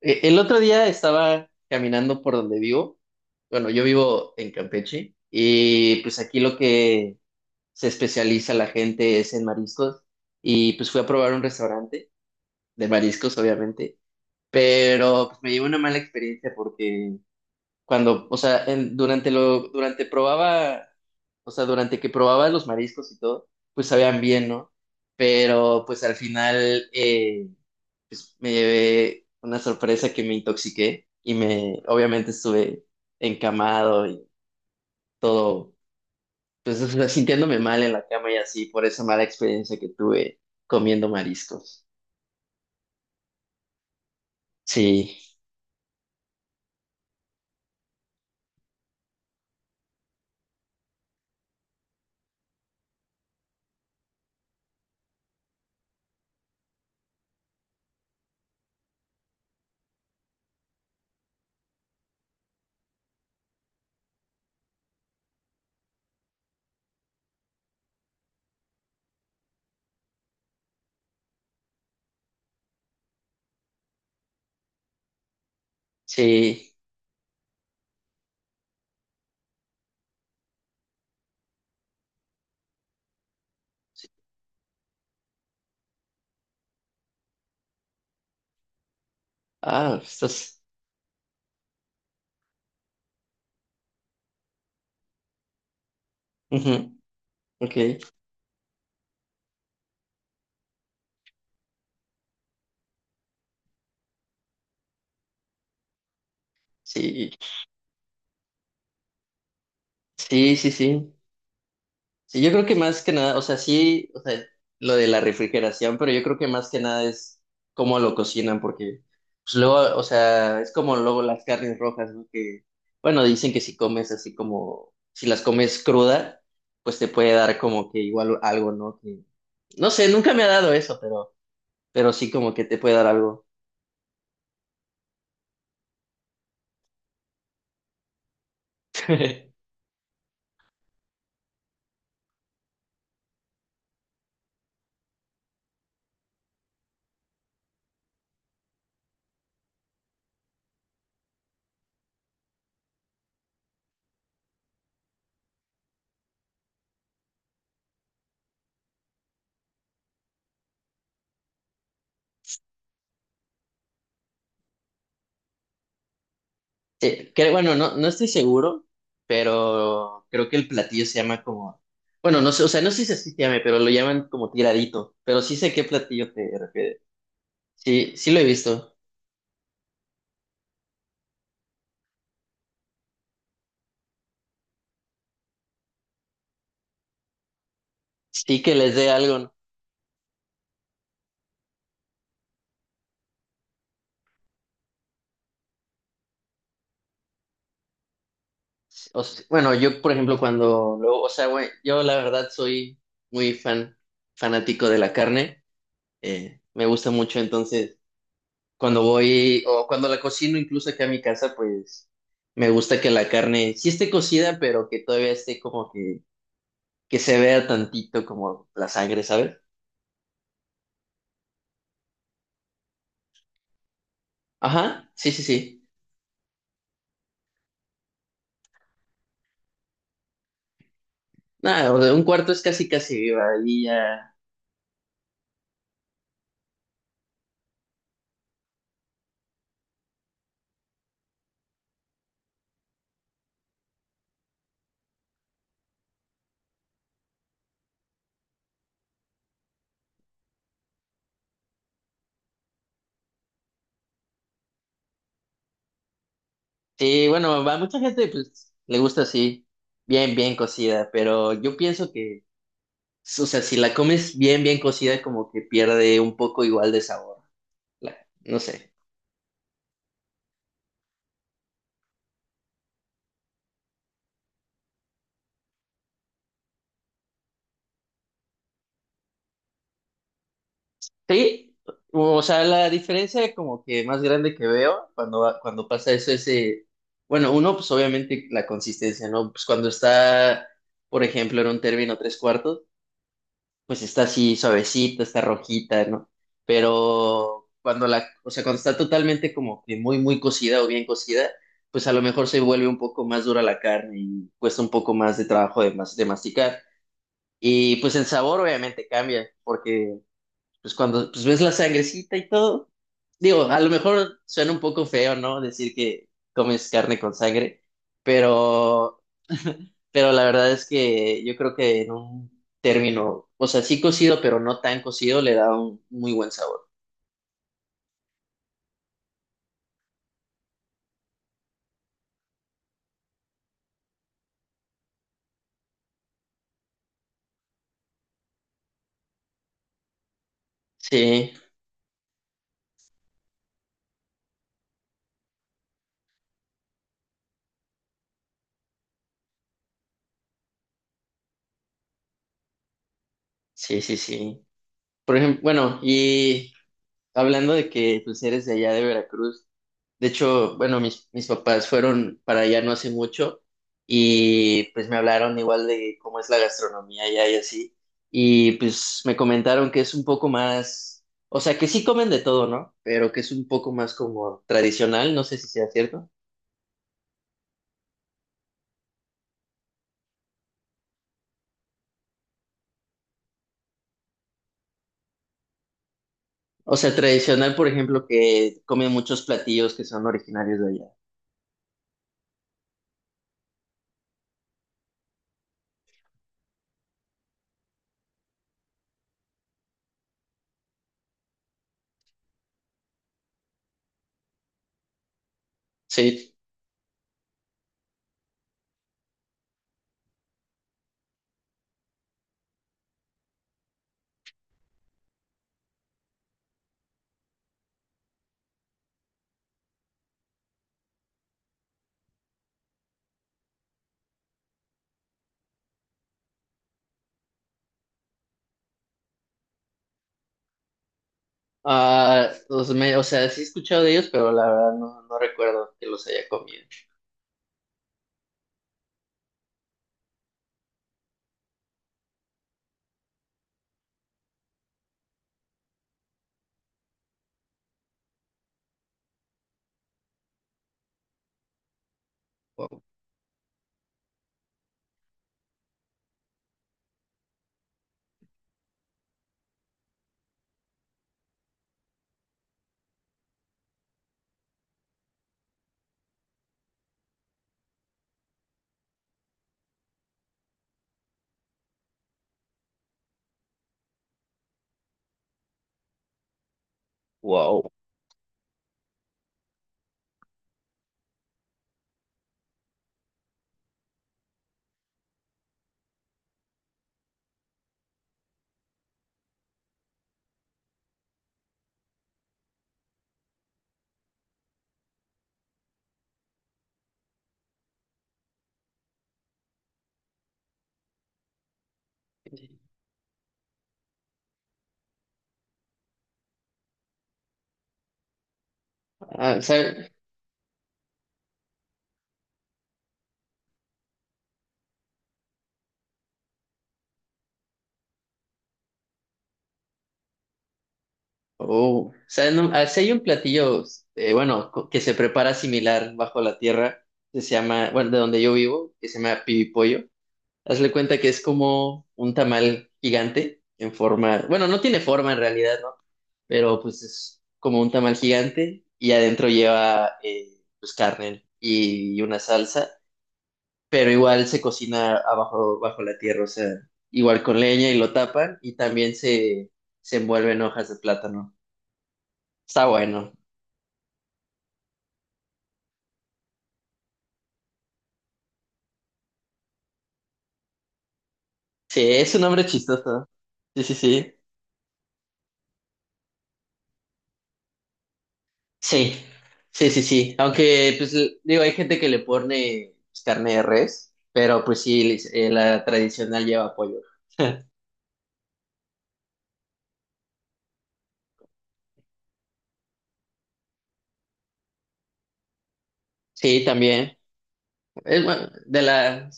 El otro día estaba caminando por donde vivo. Bueno, yo vivo en Campeche y pues aquí lo que se especializa la gente es en mariscos y pues fui a probar un restaurante de mariscos, obviamente, pero pues me llevó una mala experiencia porque cuando, o sea, en- durante lo, durante probaba, o sea, durante que probaba los mariscos y todo, pues sabían bien, ¿no? Pero pues al final, pues me llevé una sorpresa que me obviamente estuve encamado y todo, pues o sea, sintiéndome mal en la cama y así por esa mala experiencia que tuve comiendo mariscos. Sí, sí, sí. Ah, estás. Ujú, ok. Sí, sí, sí, sí. Sí, yo creo que más que nada, o sea, sí, o sea, lo de la refrigeración, pero yo creo que más que nada es cómo lo cocinan, porque pues luego, o sea, es como luego las carnes rojas, ¿no? Que, bueno, dicen que si comes así como, si las comes cruda, pues te puede dar como que igual algo, ¿no? Que, no sé, nunca me ha dado eso, pero sí como que te puede dar algo. Bueno, no, no estoy seguro, pero creo que el platillo se llama como, bueno, no sé, o sea, no sé si así se llame, pero lo llaman como tiradito, pero sí sé qué platillo te refieres. Sí, sí lo he visto. Sí que les dé algo, ¿no? Bueno, yo, por ejemplo, cuando luego, o sea, güey, yo la verdad soy muy fan, fanático de la carne, me gusta mucho, entonces, cuando voy, o cuando la cocino incluso acá en mi casa, pues, me gusta que la carne sí esté cocida, pero que todavía esté como que se vea tantito como la sangre, ¿sabes? Ajá, sí, sí, sí. Nada, o sea, un cuarto es casi, casi viva y ya. Sí, bueno, a mucha gente pues, le gusta así, bien, bien cocida, pero yo pienso que, o sea, si la comes bien, bien cocida, como que pierde un poco igual de sabor. La- no sé. Sí, o sea, la diferencia como que más grande que veo cuando, cuando pasa eso es, bueno, uno, pues obviamente la consistencia, ¿no? Pues cuando está por ejemplo, en un término tres cuartos, pues está así suavecita, está rojita, ¿no? Pero cuando la, o sea, cuando está totalmente como que muy, muy cocida o bien cocida, pues a lo mejor se vuelve un poco más dura la carne y cuesta un poco más de trabajo de masticar. Y pues el sabor obviamente cambia, porque pues cuando pues ves la sangrecita y todo, digo, a lo mejor suena un poco feo, ¿no? Decir que comes carne con sangre, pero pero la verdad es que yo creo que en un término, o sea, sí cocido, pero no tan cocido, le da un muy buen sabor. Sí, sí, sí, sí. Por ejemplo, bueno, y hablando de que pues eres de allá de Veracruz, de hecho, bueno, mis papás fueron para allá no hace mucho y pues me hablaron igual de cómo es la gastronomía allá y así, y pues me comentaron que es un poco más, o sea, que sí comen de todo, ¿no? Pero que es un poco más como tradicional, no sé si sea cierto. O sea, tradicional, por ejemplo, que comen muchos platillos que son originarios de allá. Sí. O sea, sí he escuchado de ellos, pero la verdad no, no recuerdo que los haya comido. Wow. Wow. Ah, ¿sabe? Oh. Sí hay un platillo, que se prepara similar bajo la tierra, que se llama, bueno, de donde yo vivo, que se llama pibipollo. Hazle cuenta que es como un tamal gigante en forma, bueno, no tiene forma en realidad, pero pues es como un tamal gigante y adentro lleva pues carne y una salsa, pero igual se cocina abajo, bajo la tierra, o sea, igual con leña y lo tapan y también se envuelve en hojas de plátano. Está bueno. Sí, es un nombre chistoso. Sí, sí, sí. Sí, sí, sí, sí. Aunque, pues, digo, hay gente que le pone pues, carne de res, pero pues sí, la tradicional lleva pollo. Sí, también. Es, de la,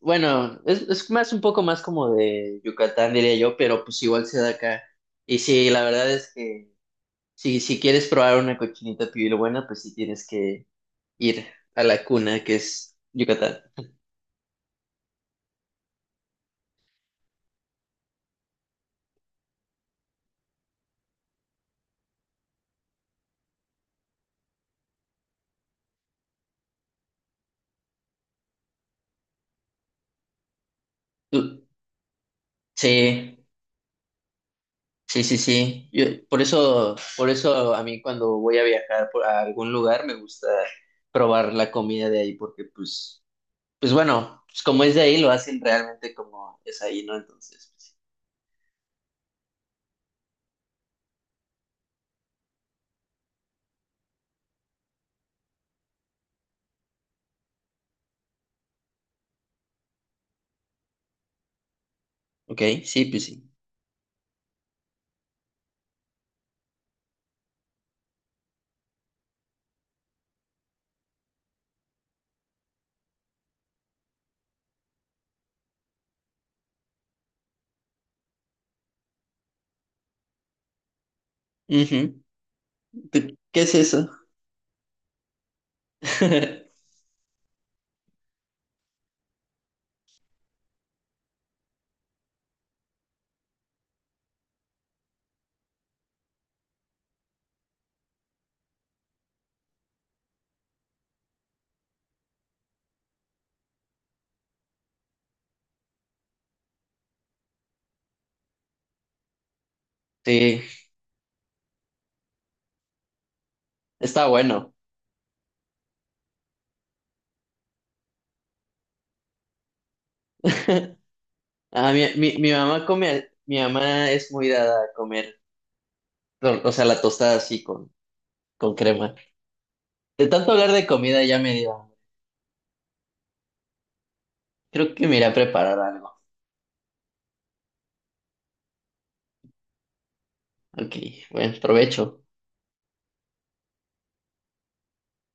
Bueno, es más un poco más como de Yucatán, diría yo, pero pues igual se da acá. Y sí, la verdad es que si, si quieres probar una cochinita pibil buena, pues sí tienes que ir a la cuna, que es Yucatán. Tú- Sí, sí, sí, sí. Por eso, por eso a mí cuando voy a viajar por, a algún lugar me gusta probar la comida de ahí, porque pues, pues bueno, pues como es de ahí, lo hacen realmente como es ahí, ¿no? Entonces, pues, sí. Ok, sí, pues sí. Ujú. ¿Qué es eso? Sí, está bueno. Ah, mi mamá come, mi mamá es muy dada a comer, o sea, la tostada así con crema. De tanto hablar de comida ya me dio. Creo que me iré a preparar algo. Ok, bueno, provecho.